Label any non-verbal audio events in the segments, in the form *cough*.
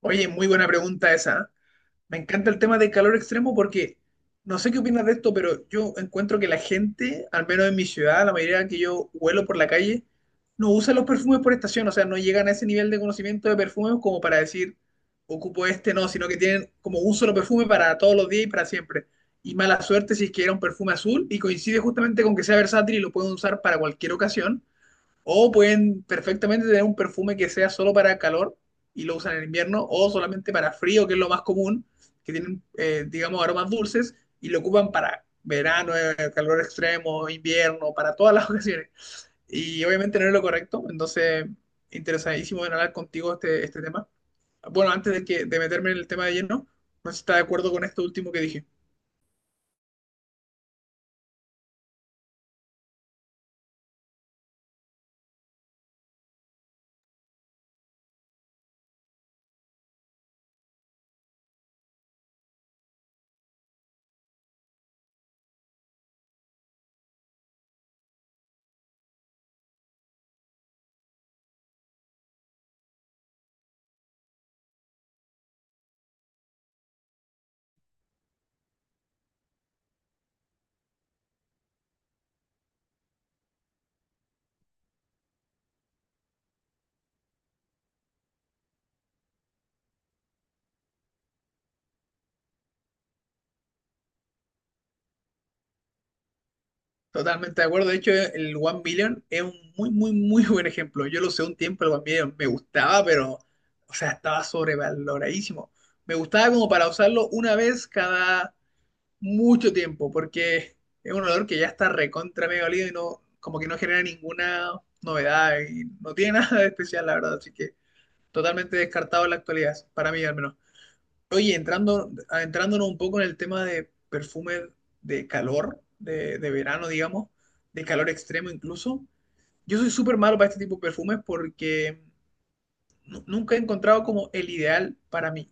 Oye, muy buena pregunta esa. ¿Eh? Me encanta el tema del calor extremo porque no sé qué opinas de esto, pero yo encuentro que la gente, al menos en mi ciudad, la mayoría que yo huelo por la calle, no usa los perfumes por estación, o sea, no llegan a ese nivel de conocimiento de perfumes como para decir, ocupo este, no, sino que tienen como un solo perfume para todos los días y para siempre. Y mala suerte si es que era un perfume azul y coincide justamente con que sea versátil y lo pueden usar para cualquier ocasión o pueden perfectamente tener un perfume que sea solo para calor y lo usan en invierno, o solamente para frío, que es lo más común, que tienen, digamos, aromas dulces y lo ocupan para verano, calor extremo, invierno, para todas las *laughs* ocasiones. Y obviamente no es lo correcto, entonces interesadísimo en hablar contigo este tema. Bueno, antes de meterme en el tema de lleno, no sé si está de acuerdo con esto último que dije. Totalmente de acuerdo. De hecho, el One Billion es un muy, muy, muy *laughs* buen ejemplo. Yo lo usé un tiempo, el One Billion me gustaba, pero, o sea, estaba sobrevaloradísimo. Me gustaba como para usarlo una vez cada mucho tiempo, porque es un olor que ya está recontra medio olido y no, como que no genera ninguna novedad y no tiene *laughs* nada de especial, la verdad. Así que totalmente descartado en la actualidad, para mí al menos. Oye, adentrándonos un poco en el tema de perfumes de calor, de verano, digamos, de calor extremo incluso. Yo soy súper malo para este tipo de perfumes porque nunca he encontrado como el ideal para mí.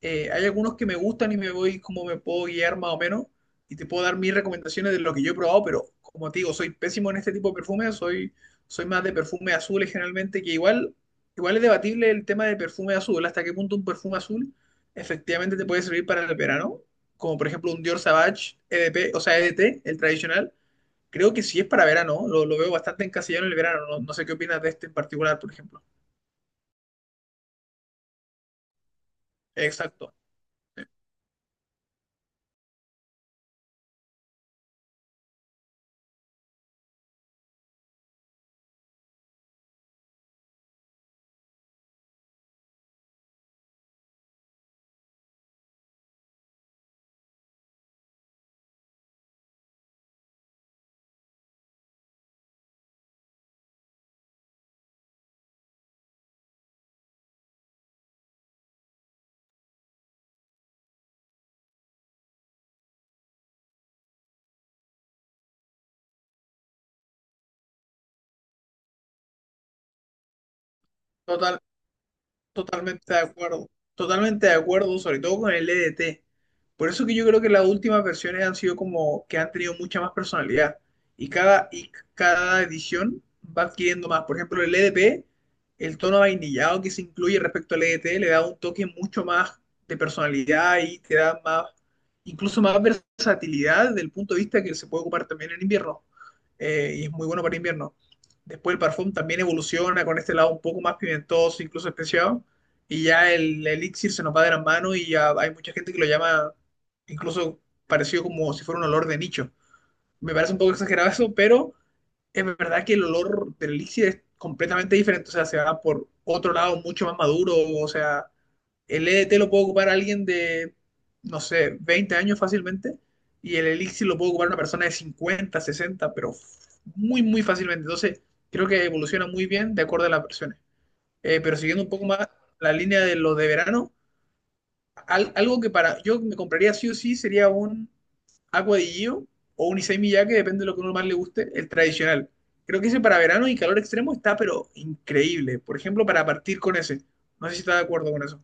Hay algunos que me gustan y me voy como me puedo guiar más o menos y te puedo dar mis recomendaciones de lo que yo he probado, pero como te digo, soy pésimo en este tipo de perfumes, soy más de perfumes azules generalmente, que igual es debatible el tema de perfume azul, hasta qué punto un perfume azul efectivamente te puede servir para el verano, como por ejemplo un Dior Savage EDP, o sea, EDT, el tradicional. Creo que sí es para verano, lo veo bastante encasillado en el verano. No sé qué opinas de este en particular, por ejemplo. Exacto. Total, Totalmente de acuerdo, totalmente de acuerdo, sobre todo con el EDT. Por eso que yo creo que las últimas versiones han sido como que han tenido mucha más personalidad y cada edición va adquiriendo más. Por ejemplo, el EDP, el tono vainillado que se incluye respecto al EDT le da un toque mucho más de personalidad y te da más, incluso más versatilidad desde el punto de vista que se puede ocupar también en invierno. Y es muy bueno para invierno. Después el parfum también evoluciona con este lado un poco más pimentoso, incluso especiado y ya el elixir se nos va de las manos y ya hay mucha gente que lo llama incluso parecido como si fuera un olor de nicho. Me parece un poco exagerado eso, pero es verdad que el olor del elixir es completamente diferente, o sea, se va por otro lado mucho más maduro. O sea, el EDT lo puede ocupar alguien de, no sé, 20 años fácilmente y el elixir lo puede ocupar una persona de 50 60 pero muy, muy fácilmente. Entonces, creo que evoluciona muy bien de acuerdo a las versiones. Pero siguiendo un poco más la línea de lo de verano, algo que para yo me compraría sí o sí sería un Aqua di Gio o un Issey Miyake, depende de lo que uno más le guste, el tradicional. Creo que ese para verano y calor extremo está, pero increíble. Por ejemplo, para partir con ese. No sé si estás de acuerdo con eso.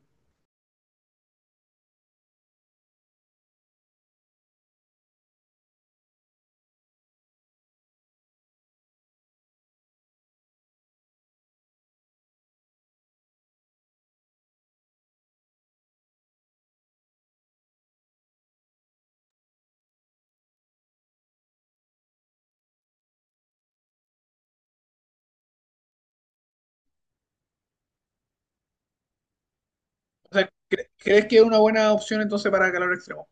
O sea, ¿crees que es una buena opción entonces para calor extremo?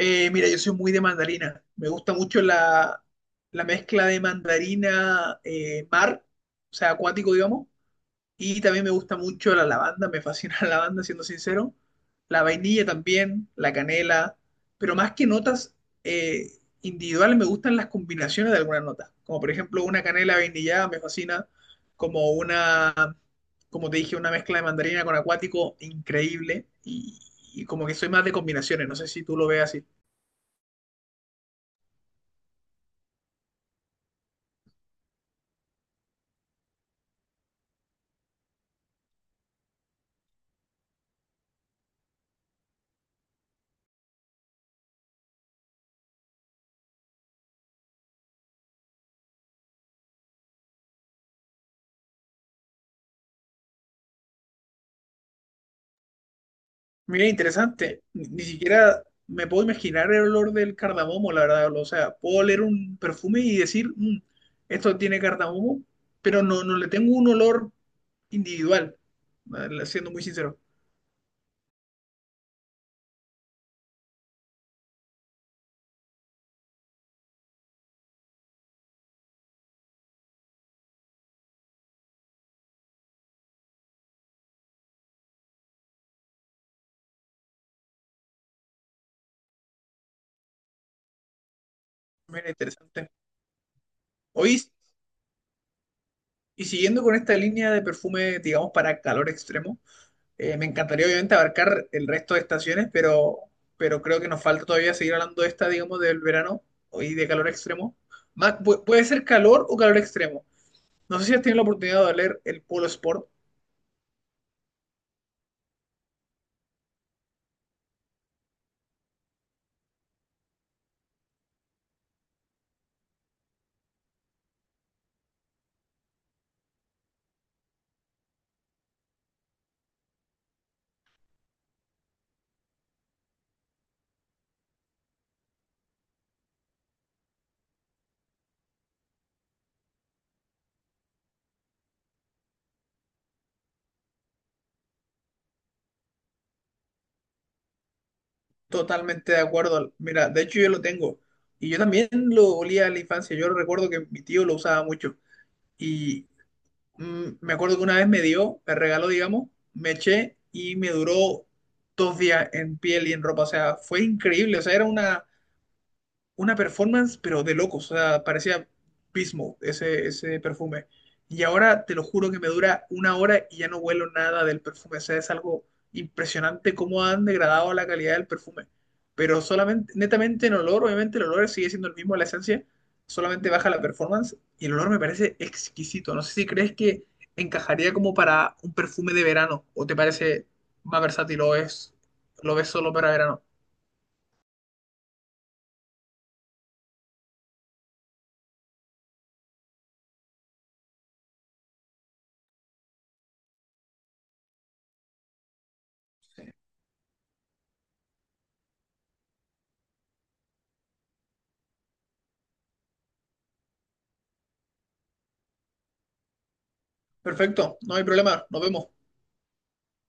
Mira, yo soy muy de mandarina. Me gusta mucho la mezcla de mandarina o sea, acuático, digamos. Y también me gusta mucho la lavanda, me fascina *laughs* la lavanda, siendo sincero. La vainilla también, la canela, pero más que notas eh, individuales, me gustan las combinaciones de algunas notas. Como por ejemplo una canela vainillada me fascina, como una, como te dije, una mezcla de mandarina con acuático increíble. Y, como que soy más de combinaciones, no sé si tú lo ves así. Mira, interesante. Ni siquiera me puedo imaginar el olor del cardamomo, la verdad. O sea, puedo oler un perfume y decir, " esto tiene cardamomo, pero no le tengo un olor individual, siendo muy sincero. Mira, interesante. Hoy, y siguiendo con esta línea de perfume, digamos, para calor extremo, me encantaría obviamente abarcar el resto de estaciones, pero creo que nos falta todavía seguir hablando de esta, digamos, del verano y de calor extremo. Puede ser calor o calor extremo. No sé si has tenido la oportunidad de leer el Polo Sport. Totalmente de acuerdo. Mira, de hecho yo lo tengo. Y yo también lo olía en la infancia. Yo recuerdo que mi tío lo usaba mucho. Y me acuerdo que una vez me dio, me regaló, digamos, me eché y me duró 2 días en piel y en ropa. O sea, fue increíble. O sea, era una performance, pero de locos. O sea, parecía Pismo ese perfume. Y ahora te lo juro que me dura una hora y ya no huelo nada del perfume. O sea, es algo impresionante cómo han degradado la calidad del perfume. Pero solamente, netamente en olor, obviamente el olor sigue siendo el mismo, la esencia, solamente baja la performance y el olor me parece exquisito. No sé si crees que encajaría como para un perfume de verano o te parece más versátil o es, lo ves solo para verano. Perfecto, no hay problema, nos vemos.